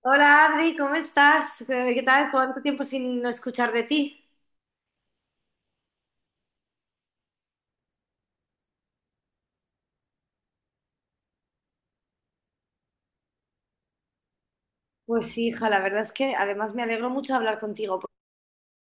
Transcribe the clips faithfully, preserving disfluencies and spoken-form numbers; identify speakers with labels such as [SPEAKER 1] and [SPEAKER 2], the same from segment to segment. [SPEAKER 1] Hola Adri, ¿cómo estás? Eh, ¿Qué tal? ¿Cuánto tiempo sin no escuchar de ti? Pues sí, hija, la verdad es que además me alegro mucho de hablar contigo por-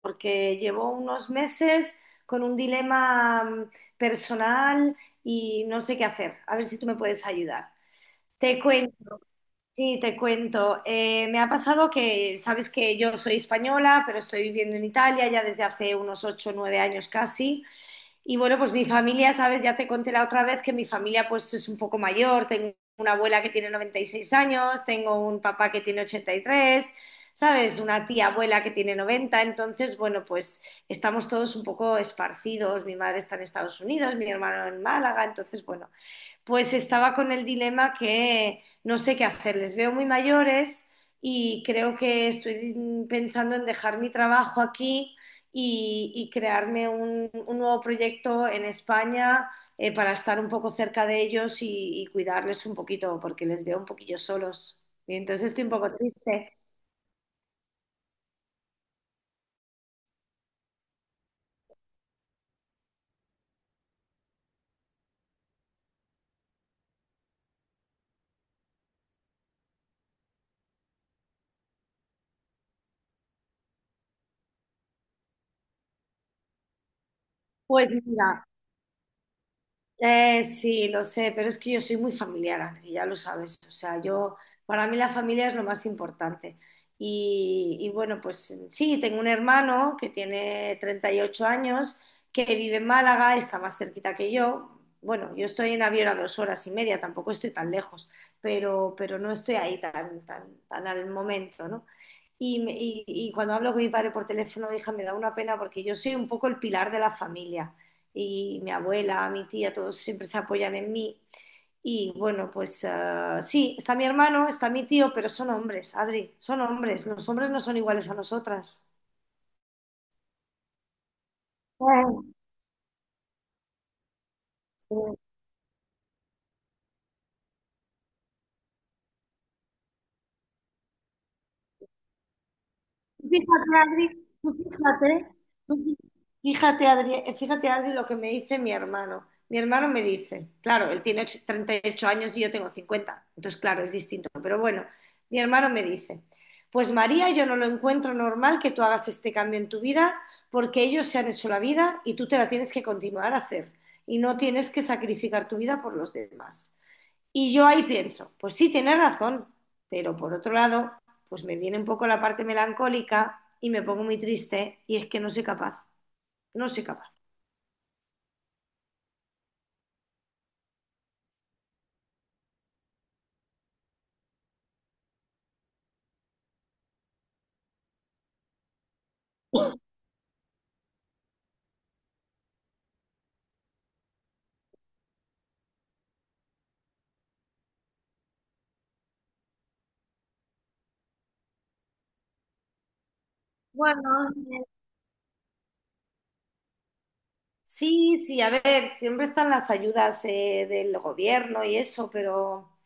[SPEAKER 1] porque llevo unos meses con un dilema mm, personal y no sé qué hacer. A ver si tú me puedes ayudar. Te cuento, sí, te cuento. Eh, me ha pasado que, sabes que yo soy española, pero estoy viviendo en Italia ya desde hace unos ocho o nueve años casi. Y bueno, pues mi familia, sabes, ya te conté la otra vez que mi familia pues es un poco mayor, tengo una abuela que tiene noventa y seis años, tengo un papá que tiene ochenta y tres, sabes, una tía abuela que tiene noventa. Entonces bueno, pues estamos todos un poco esparcidos, mi madre está en Estados Unidos, mi hermano en Málaga. Entonces bueno, pues estaba con el dilema que no sé qué hacer. Les veo muy mayores y creo que estoy pensando en dejar mi trabajo aquí y, y crearme un, un nuevo proyecto en España eh, para estar un poco cerca de ellos y, y cuidarles un poquito, porque les veo un poquillo solos. Y entonces estoy un poco triste. Pues mira, Eh, sí, lo sé, pero es que yo soy muy familiar, Ángel, ya lo sabes. O sea, yo, para mí la familia es lo más importante. Y, y bueno, pues mm, sí, tengo un hermano que tiene treinta y ocho años, que vive en Málaga, está más cerquita que yo. Bueno, yo estoy en avión a dos horas y media, tampoco estoy tan lejos, pero, pero no estoy ahí tan, tan, tan al momento, ¿no? Y, me- y- y cuando hablo con mi padre por teléfono, hija, me da una pena porque yo soy un poco el pilar de la familia y mi abuela, mi tía, todos siempre se apoyan en mí. Y bueno, pues ah, sí, está mi hermano, está mi tío, pero son hombres, Adri, son hombres. Los hombres no son iguales a nosotras. Bueno, sí. Fíjate, Adri, tú fíjate, tú fí- fíjate, Adri, eh, fíjate, Adri, lo que me dice mi hermano. Mi hermano me dice, claro, él tiene och- treinta y ocho años y yo tengo cincuenta. Entonces claro, es distinto, pero bueno, mi hermano me dice, pues María, yo no lo encuentro normal que tú hagas este cambio en tu vida porque ellos se han hecho la vida y tú te la tienes que continuar a hacer y no tienes que sacrificar tu vida por los demás. Y yo ahí pienso, pues sí, tienes razón, pero por otro lado, pues me viene un poco la parte melancólica y me pongo muy triste y es que no soy capaz, no soy capaz. Bueno, sí, sí, a ver, siempre están las ayudas eh, del gobierno y eso, pero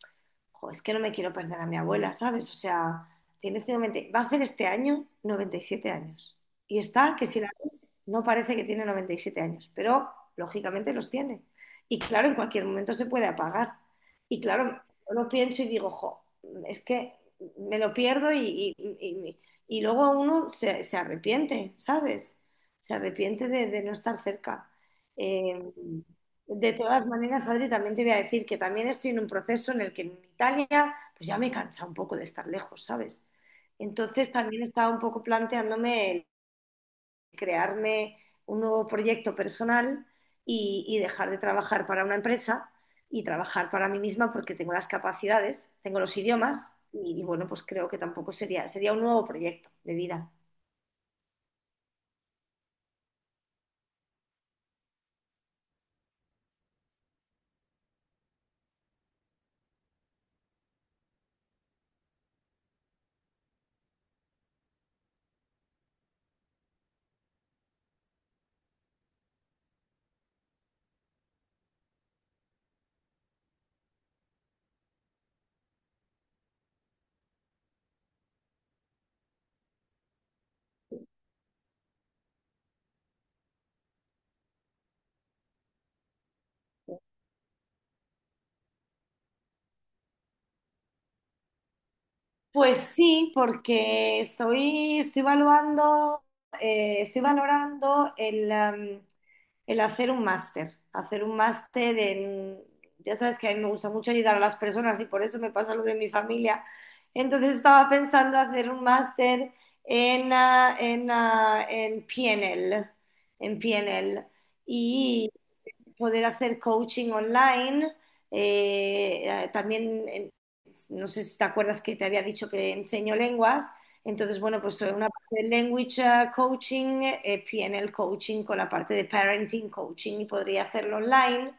[SPEAKER 1] jo, es que no me quiero perder a mi abuela, ¿sabes? O sea, tiene noventa, va a hacer este año noventa y siete años. Y está que si la ves, no parece que tiene noventa y siete años, pero lógicamente los tiene. Y claro, en cualquier momento se puede apagar. Y claro, yo lo pienso y digo, jo, es que me lo pierdo y, y- y- y luego uno se, se arrepiente, ¿sabes? Se arrepiente de, de no estar cerca. Eh, de todas maneras, Adri, también te voy a decir que también estoy en un proceso en el que en Italia, pues ya me cansa un poco de estar lejos, ¿sabes? Entonces también estaba un poco planteándome el crearme un nuevo proyecto personal y, y dejar de trabajar para una empresa y trabajar para mí misma porque tengo las capacidades, tengo los idiomas y, y bueno, pues creo que tampoco sería, sería un nuevo proyecto de vida. Pues sí, porque estoy, estoy evaluando, eh, estoy valorando el, am, el hacer un máster, hacer un máster en, ya sabes que a mí me gusta mucho ayudar a las personas y por eso me pasa lo de mi familia. Entonces estaba pensando hacer un máster en, ah, en, ah, en P N L, en P N L poder hacer coaching online. Eh, eh, también, eh, no sé si te acuerdas que te había dicho que enseño lenguas. Entonces, bueno, pues eh, una parte de language eh, coaching, eh, P N L coaching con la parte de parenting coaching y podría hacerlo online,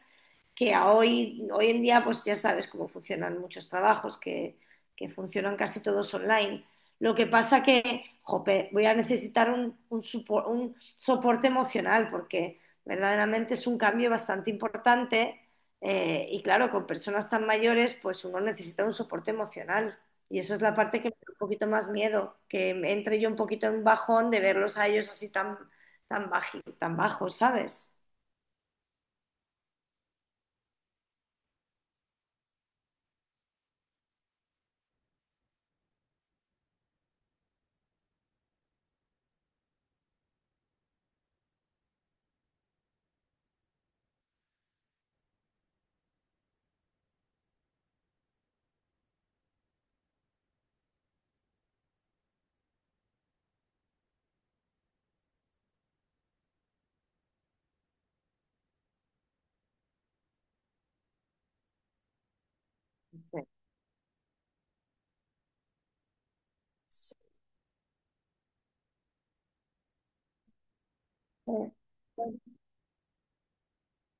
[SPEAKER 1] que a hoy, hoy en día pues ya sabes cómo funcionan muchos trabajos, que, que funcionan casi todos online. Lo que pasa que, jope, voy a necesitar un, un, supo- un soporte emocional porque verdaderamente es un cambio bastante importante eh, y claro, con personas tan mayores pues uno necesita un soporte emocional y eso es la parte que me da un poquito más miedo, que me entre yo un poquito en un bajón de verlos a ellos así tan, tan, baji- tan bajos, ¿sabes? Sí.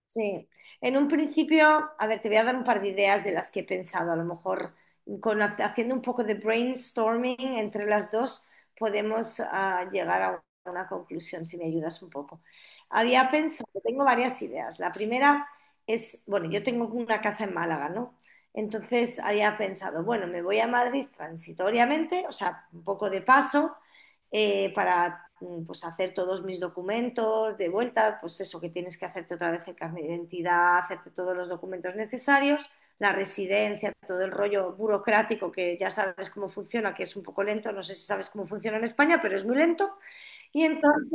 [SPEAKER 1] Sí, en un principio, a ver, te voy a dar un par de ideas de las que he pensado. A lo mejor con, ha- haciendo un poco de brainstorming entre las dos podemos ah, llegar a una conclusión, si me ayudas un poco. Había pensado, tengo varias ideas. La primera es, bueno, yo tengo una casa en Málaga, ¿no? Entonces había pensado, bueno, me voy a Madrid transitoriamente, o sea, un poco de paso eh, para mm, pues, hacer todos mis documentos de vuelta, pues eso que tienes que hacerte otra vez el carnet de identidad, hacerte todos los documentos necesarios, la residencia, todo el rollo burocrático que ya sabes cómo funciona, que es un poco lento, no sé si sabes cómo funciona en España, pero es muy lento. Y entonces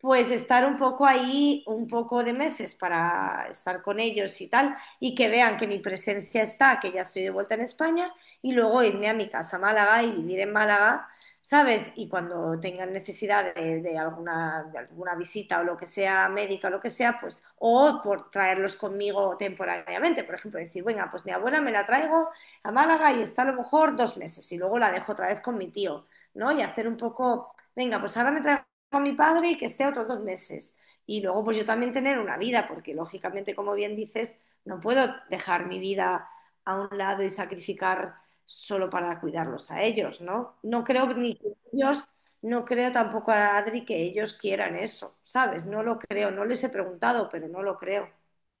[SPEAKER 1] pues estar un poco ahí, un poco de meses para estar con ellos y tal, y que vean que mi presencia está, que ya estoy de vuelta en España, y luego irme a mi casa a Málaga y vivir en Málaga, ¿sabes? Y cuando tengan necesidad de, de alguna, de alguna visita o lo que sea, médica o lo que sea, pues, o por traerlos conmigo temporariamente, por ejemplo, decir, venga, pues mi abuela me la traigo a Málaga y está a lo mejor dos meses, y luego la dejo otra vez con mi tío, ¿no? Y hacer un poco, venga, pues ahora me traigo con mi padre y que esté otros dos meses. Y luego, pues yo también tener una vida, porque lógicamente, como bien dices, no puedo dejar mi vida a un lado y sacrificar solo para cuidarlos a ellos, ¿no? No creo ni que ellos, no creo tampoco a Adri que ellos quieran eso, ¿sabes? No lo creo, no les he preguntado, pero no lo creo.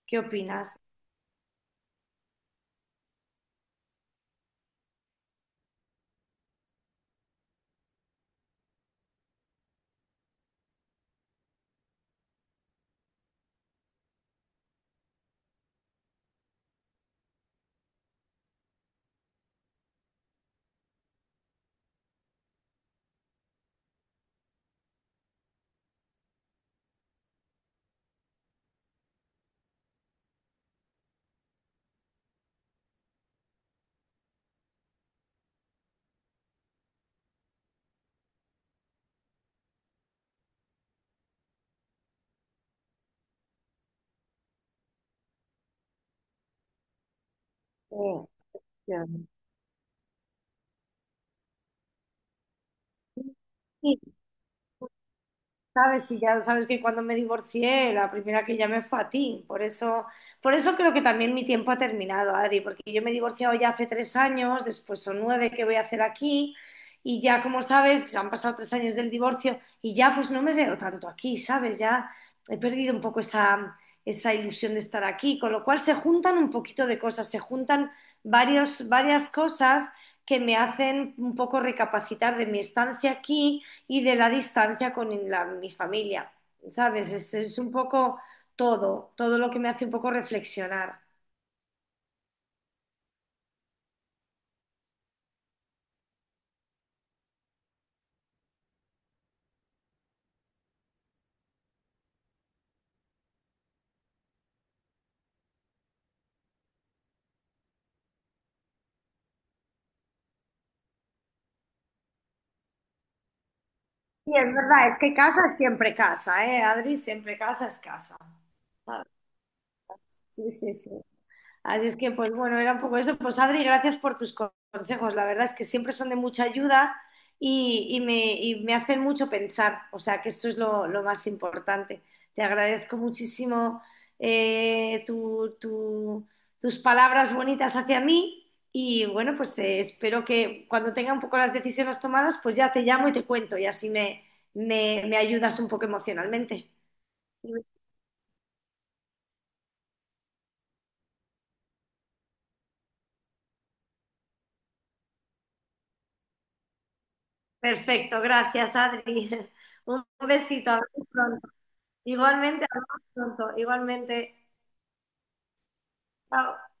[SPEAKER 1] ¿Qué opinas? Sí, ya. Sabes, y ya sabes que cuando me divorcié, la primera que llamé fue a ti. Por eso, por eso creo que también mi tiempo ha terminado, Adri, porque yo me he divorciado ya hace tres años, después son nueve que voy a hacer aquí, y ya, como sabes, han pasado tres años del divorcio y ya pues no me veo tanto aquí, ¿sabes? Ya he perdido un poco esa, esa ilusión de estar aquí, con lo cual se juntan un poquito de cosas, se juntan varios, varias cosas que me hacen un poco recapacitar de mi estancia aquí y de la distancia con la- mi familia, ¿sabes? Es, es un poco todo, todo lo que me hace un poco reflexionar. Y es verdad, es que casa es siempre casa, ¿eh? Adri, siempre casa es casa. ¿Sabes? Sí, sí, sí. Así es que, pues bueno, era un poco eso. Pues Adri, gracias por tus consejos. La verdad es que siempre son de mucha ayuda y, y me, y me hacen mucho pensar. O sea, que esto es lo, lo más importante. Te agradezco muchísimo eh, tu- tu- tus palabras bonitas hacia mí y bueno, pues eh, espero que cuando tenga un poco las decisiones tomadas, pues ya te llamo y te cuento y así me, me, me ayudas un poco emocionalmente. Perfecto, gracias Adri. Un besito, hasta pronto. Igualmente, hablamos pronto. Igualmente. Chao.